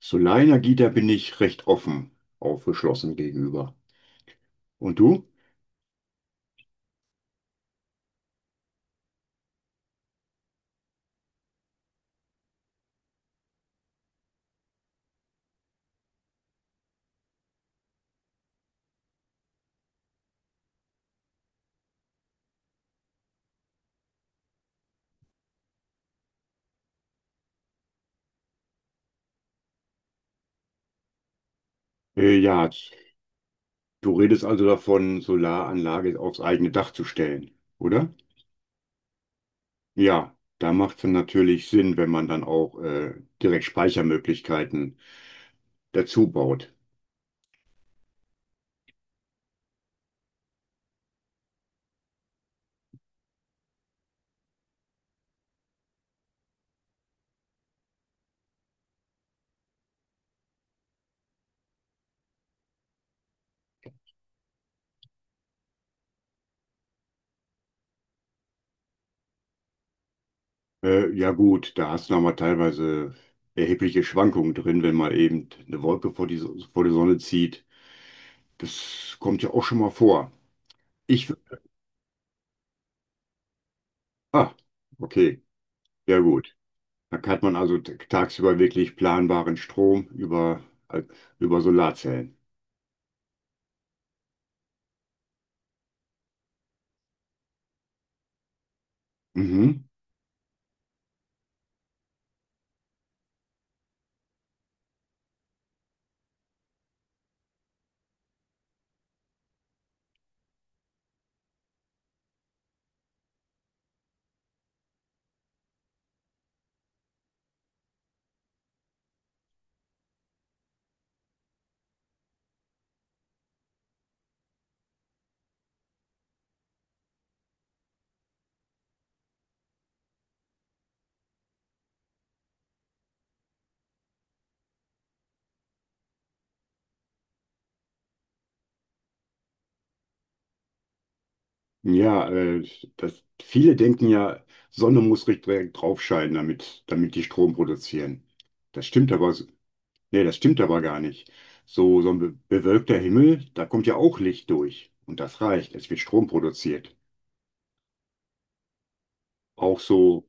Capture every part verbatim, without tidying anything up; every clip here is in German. Solarenergie, da bin ich recht offen, aufgeschlossen gegenüber. Und du? Äh, ja, Du redest also davon, Solaranlage aufs eigene Dach zu stellen, oder? Ja, da macht es dann natürlich Sinn, wenn man dann auch äh, direkt Speichermöglichkeiten dazu baut. Äh, ja gut, da hast du nochmal teilweise erhebliche Schwankungen drin, wenn mal eben eine Wolke vor die, So- vor die Sonne zieht. Das kommt ja auch schon mal vor. Ich, ah, okay, ja gut. Da hat man also t- tagsüber wirklich planbaren Strom über, äh, über Solarzellen. Mhm. Ja, äh, das, Viele denken ja, Sonne muss richtig direkt drauf scheinen, damit, damit die Strom produzieren. Das stimmt aber, s- nee, Das stimmt aber gar nicht. So, so ein be- bewölkter Himmel, da kommt ja auch Licht durch. Und das reicht. Es wird Strom produziert. Auch so,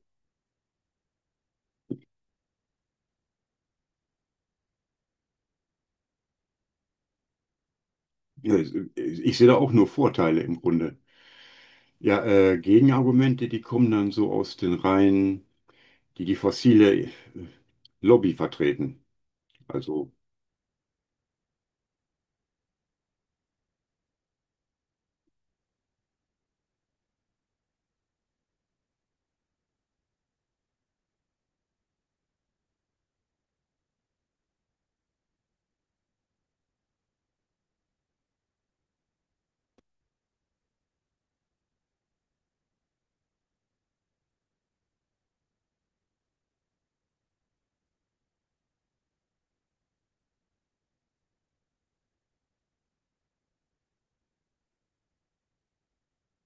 ja, ich sehe da auch nur Vorteile im Grunde. Ja, äh, Gegenargumente, die kommen dann so aus den Reihen, die die fossile äh, Lobby vertreten. Also,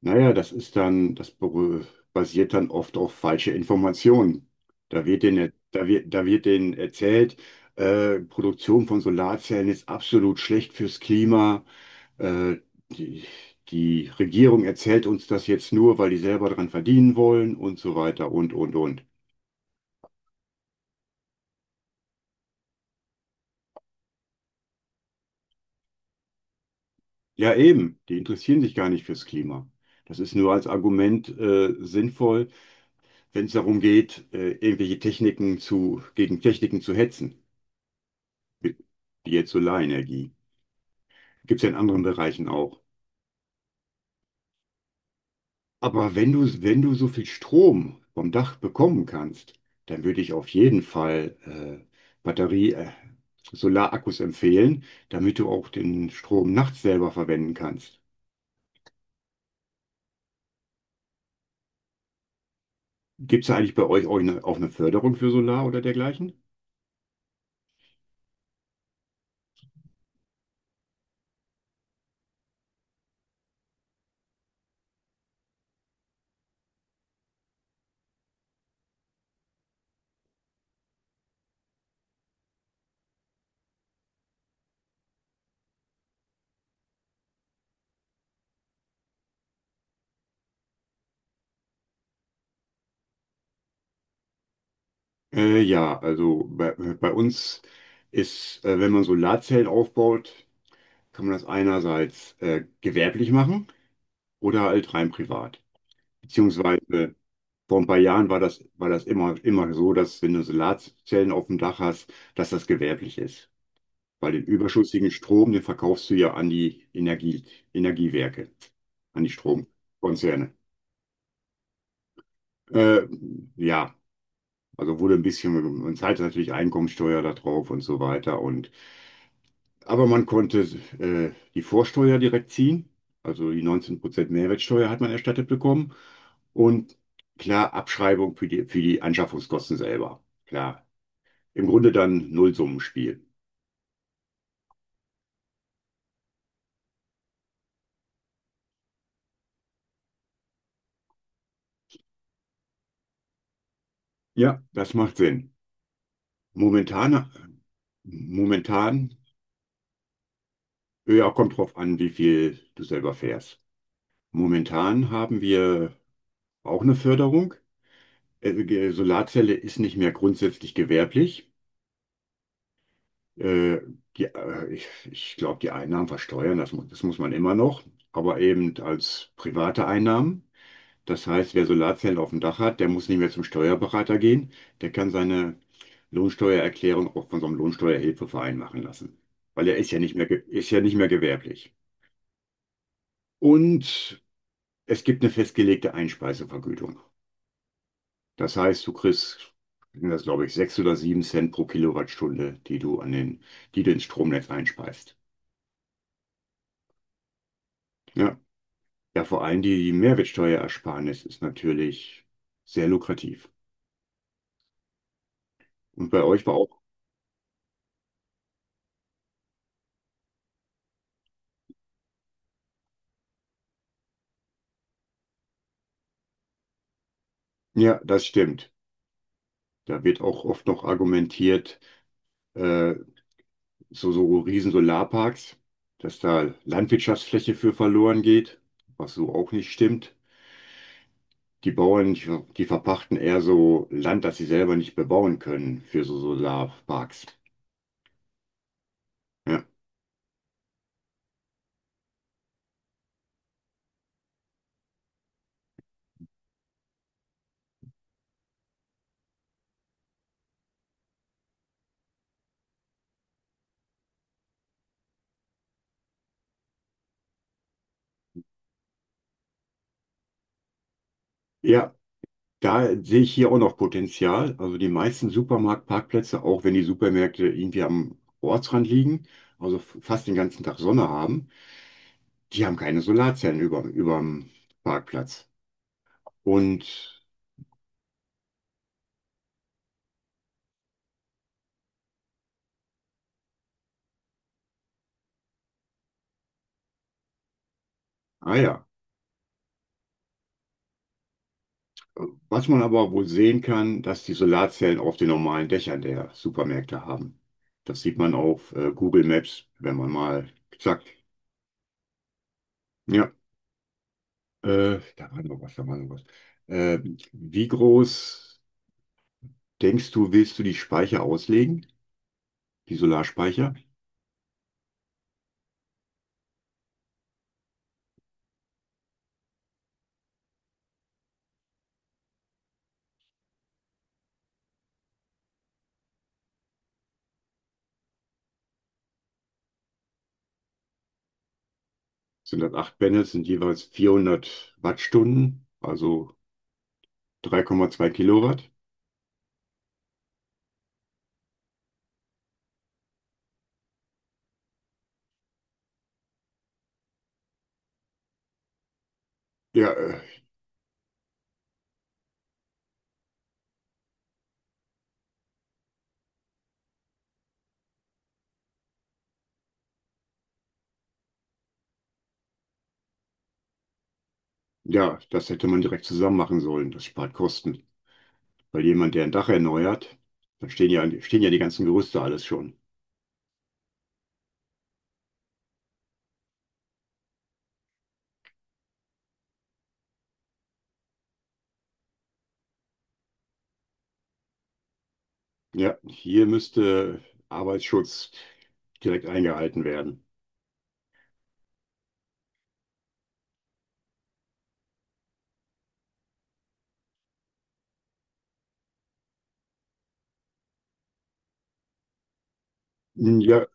naja, das ist dann, das beru- basiert dann oft auf falsche Informationen. Da wird denen, da wird, da wird denen erzählt, äh, Produktion von Solarzellen ist absolut schlecht fürs Klima. Äh, die, Die Regierung erzählt uns das jetzt nur, weil die selber dran verdienen wollen und so weiter und, und, und. Ja, eben, die interessieren sich gar nicht fürs Klima. Das ist nur als Argument, äh, sinnvoll, wenn es darum geht, äh, irgendwelche Techniken zu, gegen Techniken zu hetzen, mit- wie jetzt Solarenergie. Gibt es ja in anderen Bereichen auch. Aber wenn du, wenn du so viel Strom vom Dach bekommen kannst, dann würde ich auf jeden Fall äh, Batterie, äh, Solarakkus empfehlen, damit du auch den Strom nachts selber verwenden kannst. Gibt es eigentlich bei euch auch eine, auch eine Förderung für Solar oder dergleichen? Äh, ja, also bei, bei uns ist, äh, wenn man Solarzellen aufbaut, kann man das einerseits äh, gewerblich machen oder halt rein privat. Beziehungsweise vor ein paar Jahren war das, war das immer, immer so, dass wenn du Solarzellen auf dem Dach hast, dass das gewerblich ist. Weil den überschüssigen Strom, den verkaufst du ja an die Energie, Energiewerke, an die Stromkonzerne. Äh, ja, also wurde ein bisschen, man zahlt natürlich Einkommensteuer da drauf und so weiter. Und aber man konnte äh, die Vorsteuer direkt ziehen, also die neunzehn Prozent Mehrwertsteuer hat man erstattet bekommen, und klar, Abschreibung für die, für die Anschaffungskosten selber. Klar, im Grunde dann Nullsummenspiel. Ja, das macht Sinn. Momentan, Momentan, ja, kommt drauf an, wie viel du selber fährst. Momentan haben wir auch eine Förderung. Äh, Ge- Solarzelle ist nicht mehr grundsätzlich gewerblich. Äh, die, äh, ich ich glaube, die Einnahmen versteuern, das, mu- das muss man immer noch, aber eben als private Einnahmen. Das heißt, wer Solarzellen auf dem Dach hat, der muss nicht mehr zum Steuerberater gehen. Der kann seine Lohnsteuererklärung auch von so einem Lohnsteuerhilfeverein machen lassen, weil er ist ja nicht mehr, ge- ist ja nicht mehr gewerblich. Und es gibt eine festgelegte Einspeisevergütung. Das heißt, du kriegst, sind das glaube ich, sechs oder sieben Cent pro Kilowattstunde, die du an den, die du ins Stromnetz einspeist. Ja, ja, vor allem die Mehrwertsteuerersparnis ist natürlich sehr lukrativ. Und bei euch war auch, ja, das stimmt. Da wird auch oft noch argumentiert, äh, so, so riesen Solarparks, dass da Landwirtschaftsfläche für verloren geht, was so auch nicht stimmt. Die Bauern, die, ver- die verpachten eher so Land, das sie selber nicht bebauen können, für so Solarparks. Ja, ja. Da sehe ich hier auch noch Potenzial. Also die meisten Supermarktparkplätze, auch wenn die Supermärkte irgendwie am Ortsrand liegen, also f- fast den ganzen Tag Sonne haben, die haben keine Solarzellen über, überm Parkplatz. Und, ah ja, was man aber wohl sehen kann, dass die Solarzellen auf den normalen Dächern der Supermärkte haben. Das sieht man auf äh, Google Maps, wenn man mal zack, ja, äh, da war noch was, da war noch was. Äh, Wie groß denkst du, willst du die Speicher auslegen, die Solarspeicher? Sind das acht Panels, sind jeweils vierhundert Wattstunden, also drei Komma zwei Kilowatt. Ja, äh, ja, das hätte man direkt zusammen machen sollen. Das spart Kosten. Weil jemand, der ein Dach erneuert, dann stehen ja, stehen ja die ganzen Gerüste alles schon. Ja, hier müsste Arbeitsschutz direkt eingehalten werden. Hm, ja.